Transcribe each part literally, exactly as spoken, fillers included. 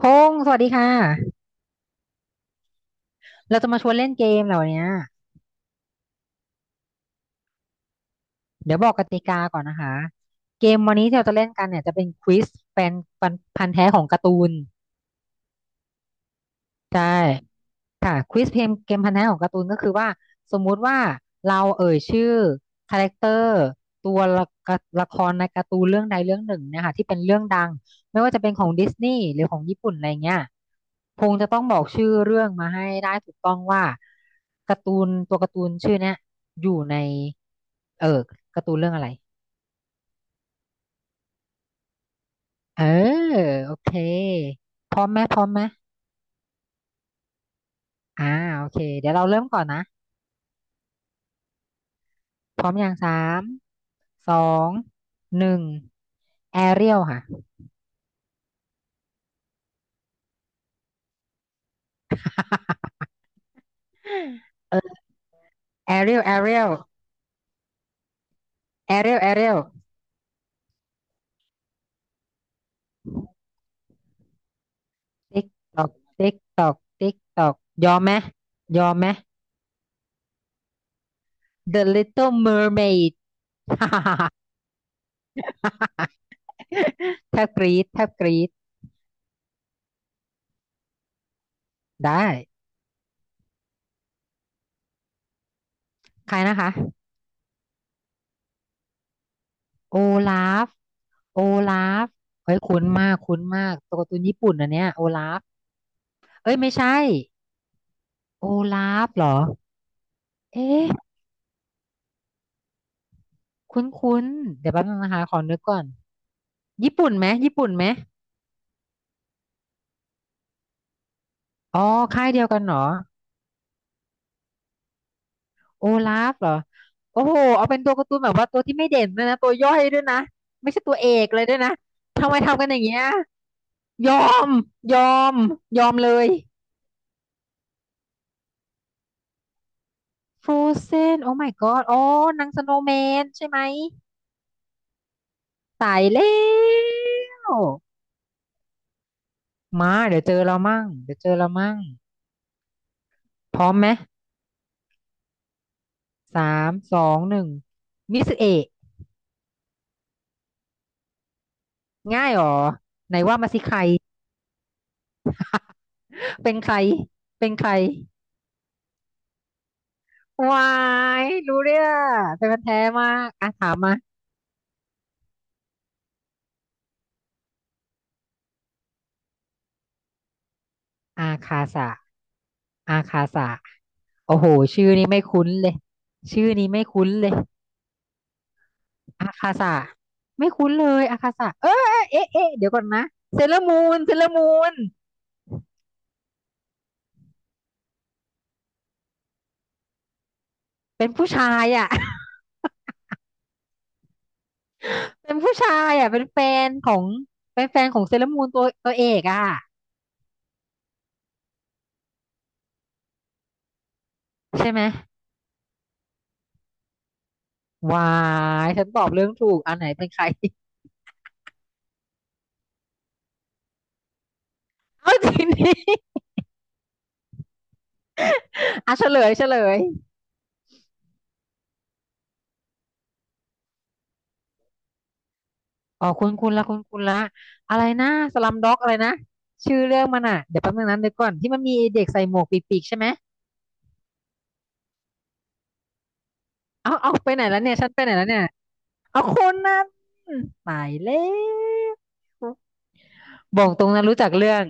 พงศ์สวัสดีค่ะ เราจะมาชวนเล่นเกมเหล่านี้เดี๋ยวบอกกติกาก่อนนะคะ เกมวันนี้ที่เราจะเล่นกันเนี่ยจะเป็นควิซแฟนพันธุ์แท้ของการ์ตูน ใช่ ค่ะควิสเพลงเกมพันธะของการ์ตูนก็คือว่าสมมุติว่าเราเอ่ยชื่อคาแรคเตอร์ตัวละกะละครในการ์ตูนเรื่องใดเรื่องหนึ่งเนะคะที่เป็นเรื่องดังไม่ว่าจะเป็นของดิสนีย์หรือของญี่ปุ่นอะไรเงี้ยคงจะต้องบอกชื่อเรื่องมาให้ได้ถูกต้องว่าการ์ตูนตัวการ์ตูนชื่อเนี้ยอยู่ในเออการ์ตูนเรื่องอะไรเออโอเคพร้อมไหมพร้อมไหมอ่าโอเคเดี๋ยวเราเริ่มก่อนนะพร้อมอย่างสามสองหนึ่ง แอเรียลค่ะแอเรียลแอเรียลแอเรียลแอเรียลติ๊กตอกติ๊กตอกติ๊กตอกยอมไหมยอมไหม The Little Mermaid แทบกรี๊ดแทบกรี๊ดได้ใครนะคะโอลาฟโอลาฟเฮ้ยคุ้นมากคุ้นมากตัวการ์ตูนญี่ปุ่นอันเนี้ยโอลาฟเอ้ยไม่ใช่โอลาฟเหรอเอ๊ะคุ้นคุ้นเดี๋ยวแป๊บนึงนะคะขอนึกก่อนญี่ปุ่นไหมญี่ปุ่นไหมอ๋อค่ายเดียวกันเหรอ โอลาฟเหรอโอ้โหเอาเป็นตัวการ์ตูนแบบว่าตัวที่ไม่เด่นด้วยนะตัวย่อยด้วยนะไม่ใช่ตัวเอกเลยด้วยนะทำไมทำกันอย่างเงี้ยยอมยอมยอมเลยฟรูเซนโอ้ my god อ๋อนางสโนว์แมนใช่ไหมตายแล้วมาเดี๋ยวเจอเรามั่งเดี๋ยวเจอเรามั่งพร้อมไหมสามสองหนึ่งมิสเอะง่ายเหรอไหนว่ามาสิใครเป็นใครเป็นใคร วายรู้เรื่องเป็นคนแท้มากอ่ะถามมาอาคาสะอาคาสะโอ้โหชื่อนี้ไม่คุ้นเลยชื่อนี้ไม่คุ้นเลยอาคาสะไม่คุ้นเลยอาคาสะเออเอ๊ะเอ๊ะเดี๋ยวก่อนนะเซเลอร์มูนเซเลอร์มูนเป็นผู้ชายอ่ะ เป็นผู้ชายอ่ะเป็นแฟนของเป็นแฟนของเซเลอร์มูนตัวตัวเอกอ่ะใช่ไหมวายฉันตอบเรื่องถูกอันไหนเป็นใคร เอาจริงดิ อ่ะเฉลยเฉลย อ๋อคุณคุณละคุณคุณละอะไรนะสลัมด็อกอะไรนะชื่อเรื่องมันอ่ะเดี๋ยวแป๊บนึงนั้นเดี๋ยวก่อนที่มันมีเด็กใส่หมวกปีกๆใช่ไหมเอาเอาไปไหนแล้วเนี่ยฉันไปไหนแล้วเนี่ยเอาคนนั้นตายแล้วบอกตรงนะรู้จักเรื่อง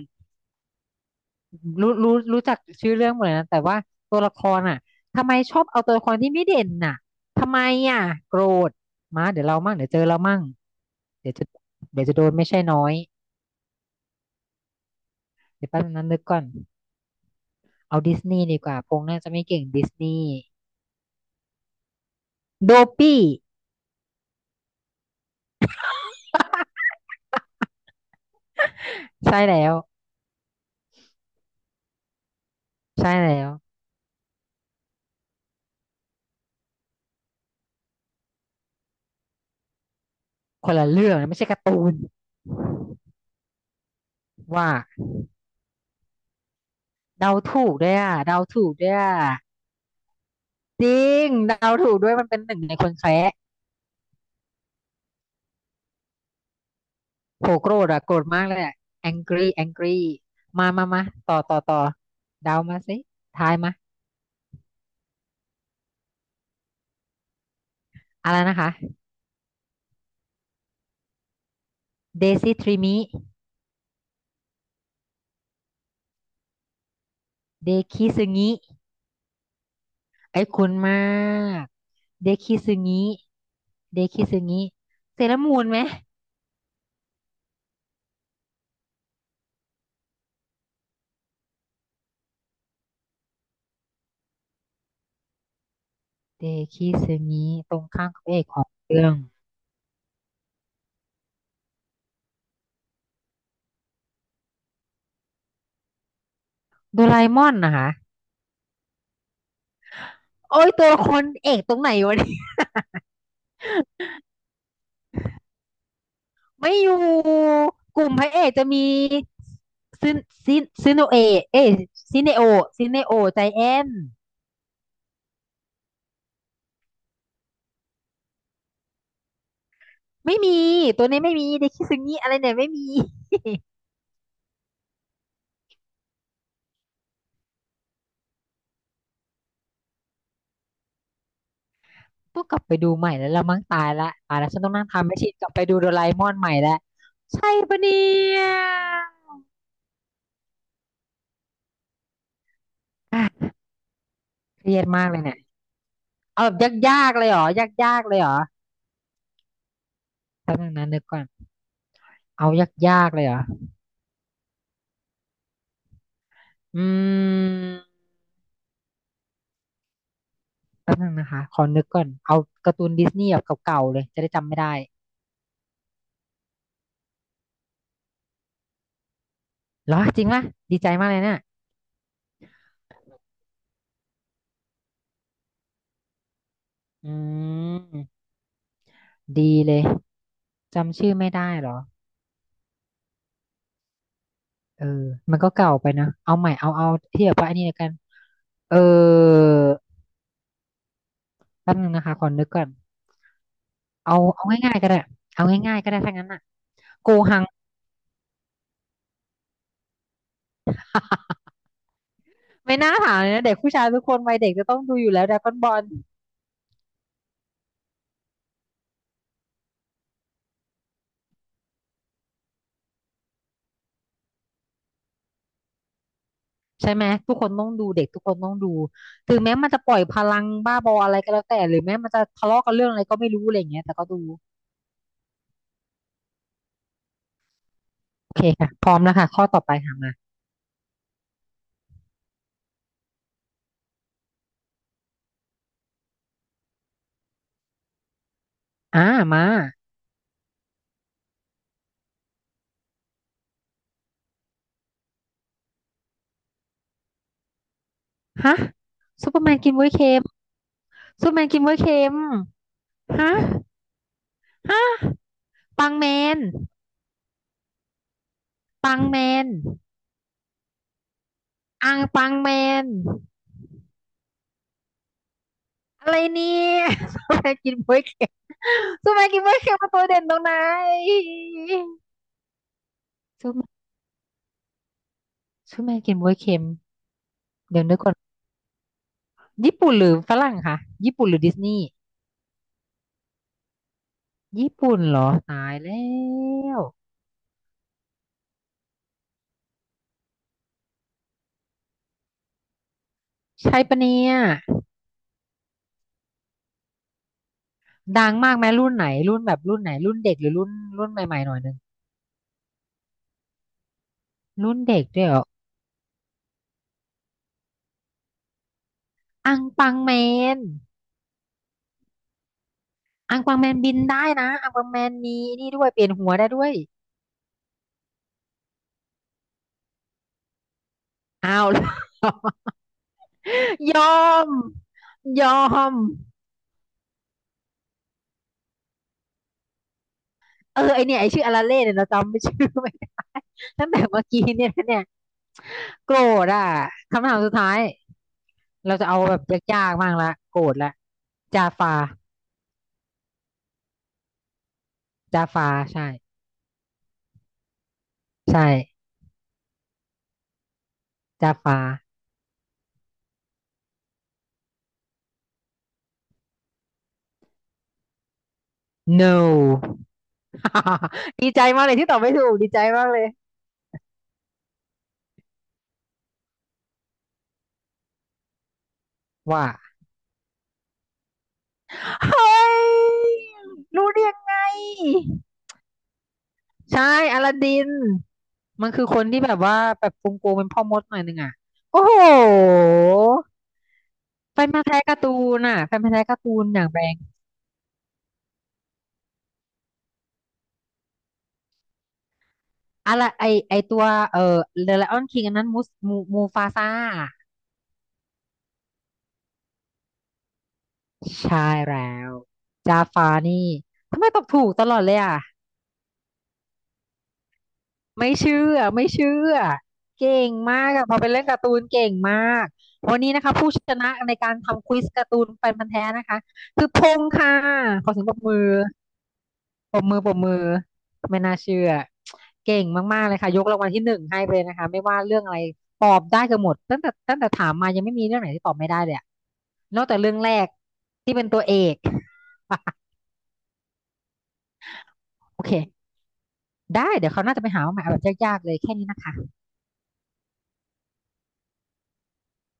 รู้รู้รู้จักชื่อเรื่องหมดเลยนะแต่ว่าตัวละครอ่ะทำไมชอบเอาตัวละครที่ไม่เด่นน่ะทำไมอ่ะโกรธมาเดี๋ยวเรามั่งเดี๋ยวเจอเรามั่งเดี๋ยวจะเดี๋ยวจะโดนไม่ใช่น้อยเดี๋ยวแป๊บนึงนั้นนึกก่อน เอาดิสนีย์ดีกว่าพงษ์น่าจะไม่เก่งดิสนีย์โดปี้ใช่แล้วใช่แล้วคนละเรื่องนะไม่ใช่การ์ตูนว่าเดาถูกด้วยอ่ะเดาถูกด้วยอ่ะจริงเดาถูกด้วยมันเป็นหนึ่งในคนแคระโหโกรธอ่ะโกรธมากเลยอ่ะ angry angry มามามาต่อต่อต่อเดามาสิทายมาอะไรนะคะเดซิทริมิเดคิซึงิไอ้คุณมากเดคิซึงิเดคิซึงิเซเลอรามูนไหม เดคิซึงิตรงข้างกับพระเอกของเรื่องโดราเอมอนนะคะโอ้ยตัวละครเอกตรงไหนวะเนี่ยไม่อยู่กลุ่มพระเอกจะมีซินซินซินโนเอะเอยซินเนโอซินเนโอใจแอนไม่มีตัวนี้ไม่มีเดคิซึงิอะไรเนี่ยไม่มี ต้องกลับไปดูใหม่แล้วละมั้งตายละตายแล้วฉันต้องนั่งทำแมชชีนกลับไปดูโดราเอมอนใหม่แล้วใช่ปะเนี่ยอ่ะเครียดมากเลยเนี่ยเอาแบบยากๆเลยเหรอยากๆเลยเหรอแป๊บนึงนะนึกก่อน เอายากๆเลยเหรออืมแป๊บนึงนะคะขอนึกก่อนเอาการ์ตูนดิสนีย์แบบเก่าๆเลยจะได้จำไม่ได้เหรอจริงปะดีใจมากเลยเนี่ยอืมดีเลยจำชื่อไม่ได้เหรอเออมันก็เก่าไปนะเอาใหม่เอาเอาที่แบบว่าอันนี้แล้วกันเออแป๊บนึงนะคะขอนึกก่อนเอาเอาง่ายๆก็ได้เอาง่ายๆก็ได้ถ้างั้นอ่ะโกหังไม่น่าถามเลยนะเด็กผู้ชายทุกคนวัยเด็กจะต้องดูอยู่แล้วดราก้อนบอล ใช่ไหมทุกคนต้องดูเด็กทุกคนต้องดูถึงแม้มันจะปล่อยพลังบ้าบออะไรก็แล้วแต่หรือแม้มันจะทะเลาะกันเรื่องอะไรก็ไม่รู้อะไรอย่างเงี้ยแต่ก็ดูโอเคค่ะพร้อมแล้วค่ะข้อต่อไปค่ะมาอ่ามาฮะซูเปอร์แมนกินบ๊วยเค็มซูเปอร์แมนกินบ๊วยเค็มฮะฮะปังแมนปังแมนอังปังแมนอะไรเนี่ยซูเปอร์แมนกินบ๊วยเค็มซูเปอร์แมนกินบ๊วยเค็มมัตัวเด่นตรงไหนซูเปอร์ซูเปอร์แมนกินบ๊วยเค็มเดี๋ยวนึกก่อน ญี่ปุ่นหรือฝรั่งคะญี่ปุ่นหรือดิสนีย์ญี่ปุ่นเหรอตายแล้วใช่ปะเนี่ยดังมากไหมรุ่นไหนรุ่นแบบรุ่นไหนรุ่นเด็กหรือรุ่นรุ่นใหม่ๆหน่อยนึงรุ่นเด็กด้วยเหรออังปังแมนอังปังแมนบินได้นะอังปังแมนมีนี่ด้วยเปลี่ยนหัวได้ด้วยอ้าว ยอมยอมเออไอเนี่ยไอชื่ออาราเล่เนี่ยเราจำไม่ชื่อไม่ได้ ตั้งแต่เมื่อกี้เนี่ยนะเนี่ยโกรธอ่ะคำถามสุดท้าย เราจะเอาแบบยากๆบ้างละโกรธละจาฟาจาฟาใช่ใช่จาฟา no ดีใจมากเลยที่ตอบไม่ถูกดีใจมากเลยว่าเฮ้ยรู้ได้ยังไงใช่อลาดินมันคือคนที่แบบว่าแบบโกงๆเป็นพ่อมดหน่อยนึงอ่ะโอ้โหแฟนพันธุ์แท้การ์ตูนน่ะแฟนพันธุ์แท้การ์ตูนอย่างแรงอะไรไอไอตัวเอ่อเดอะไลออนคิงอันนั้นมูสมูมูฟาซ่า ใช่แล้วจาฟานี่ทำไมตอบถูกตลอดเลยอ่ะไม่เชื่อไม่เชื่อเก่งมากอะพอไปเล่นการ์ตูนเก่งมากวันนี้นะคะผู้ชนะในการทำควิสการ์ตูนแฟนพันธุ์แท้นะคะคือพงษ์ค่ะขอเสียงปรบมือปรบมือปรบมือไม่น่าเชื่อเก่งมากๆเลยค่ะยกรางวัลที่หนึ่งให้ไปเลยนะคะไม่ว่าเรื่องอะไรตอบได้เกือบหมดตั้งแต่ตั้งแต่ถามมายังไม่มีเรื่องไหนที่ตอบไม่ได้เลยอะนอกจากเรื่องแรกที่เป็นตัวเอก โอเค ได้เดี๋ยวเขาวหน่าจะไปหามาใหม่เอาแบบยากๆเลยแค่นี้นะคะ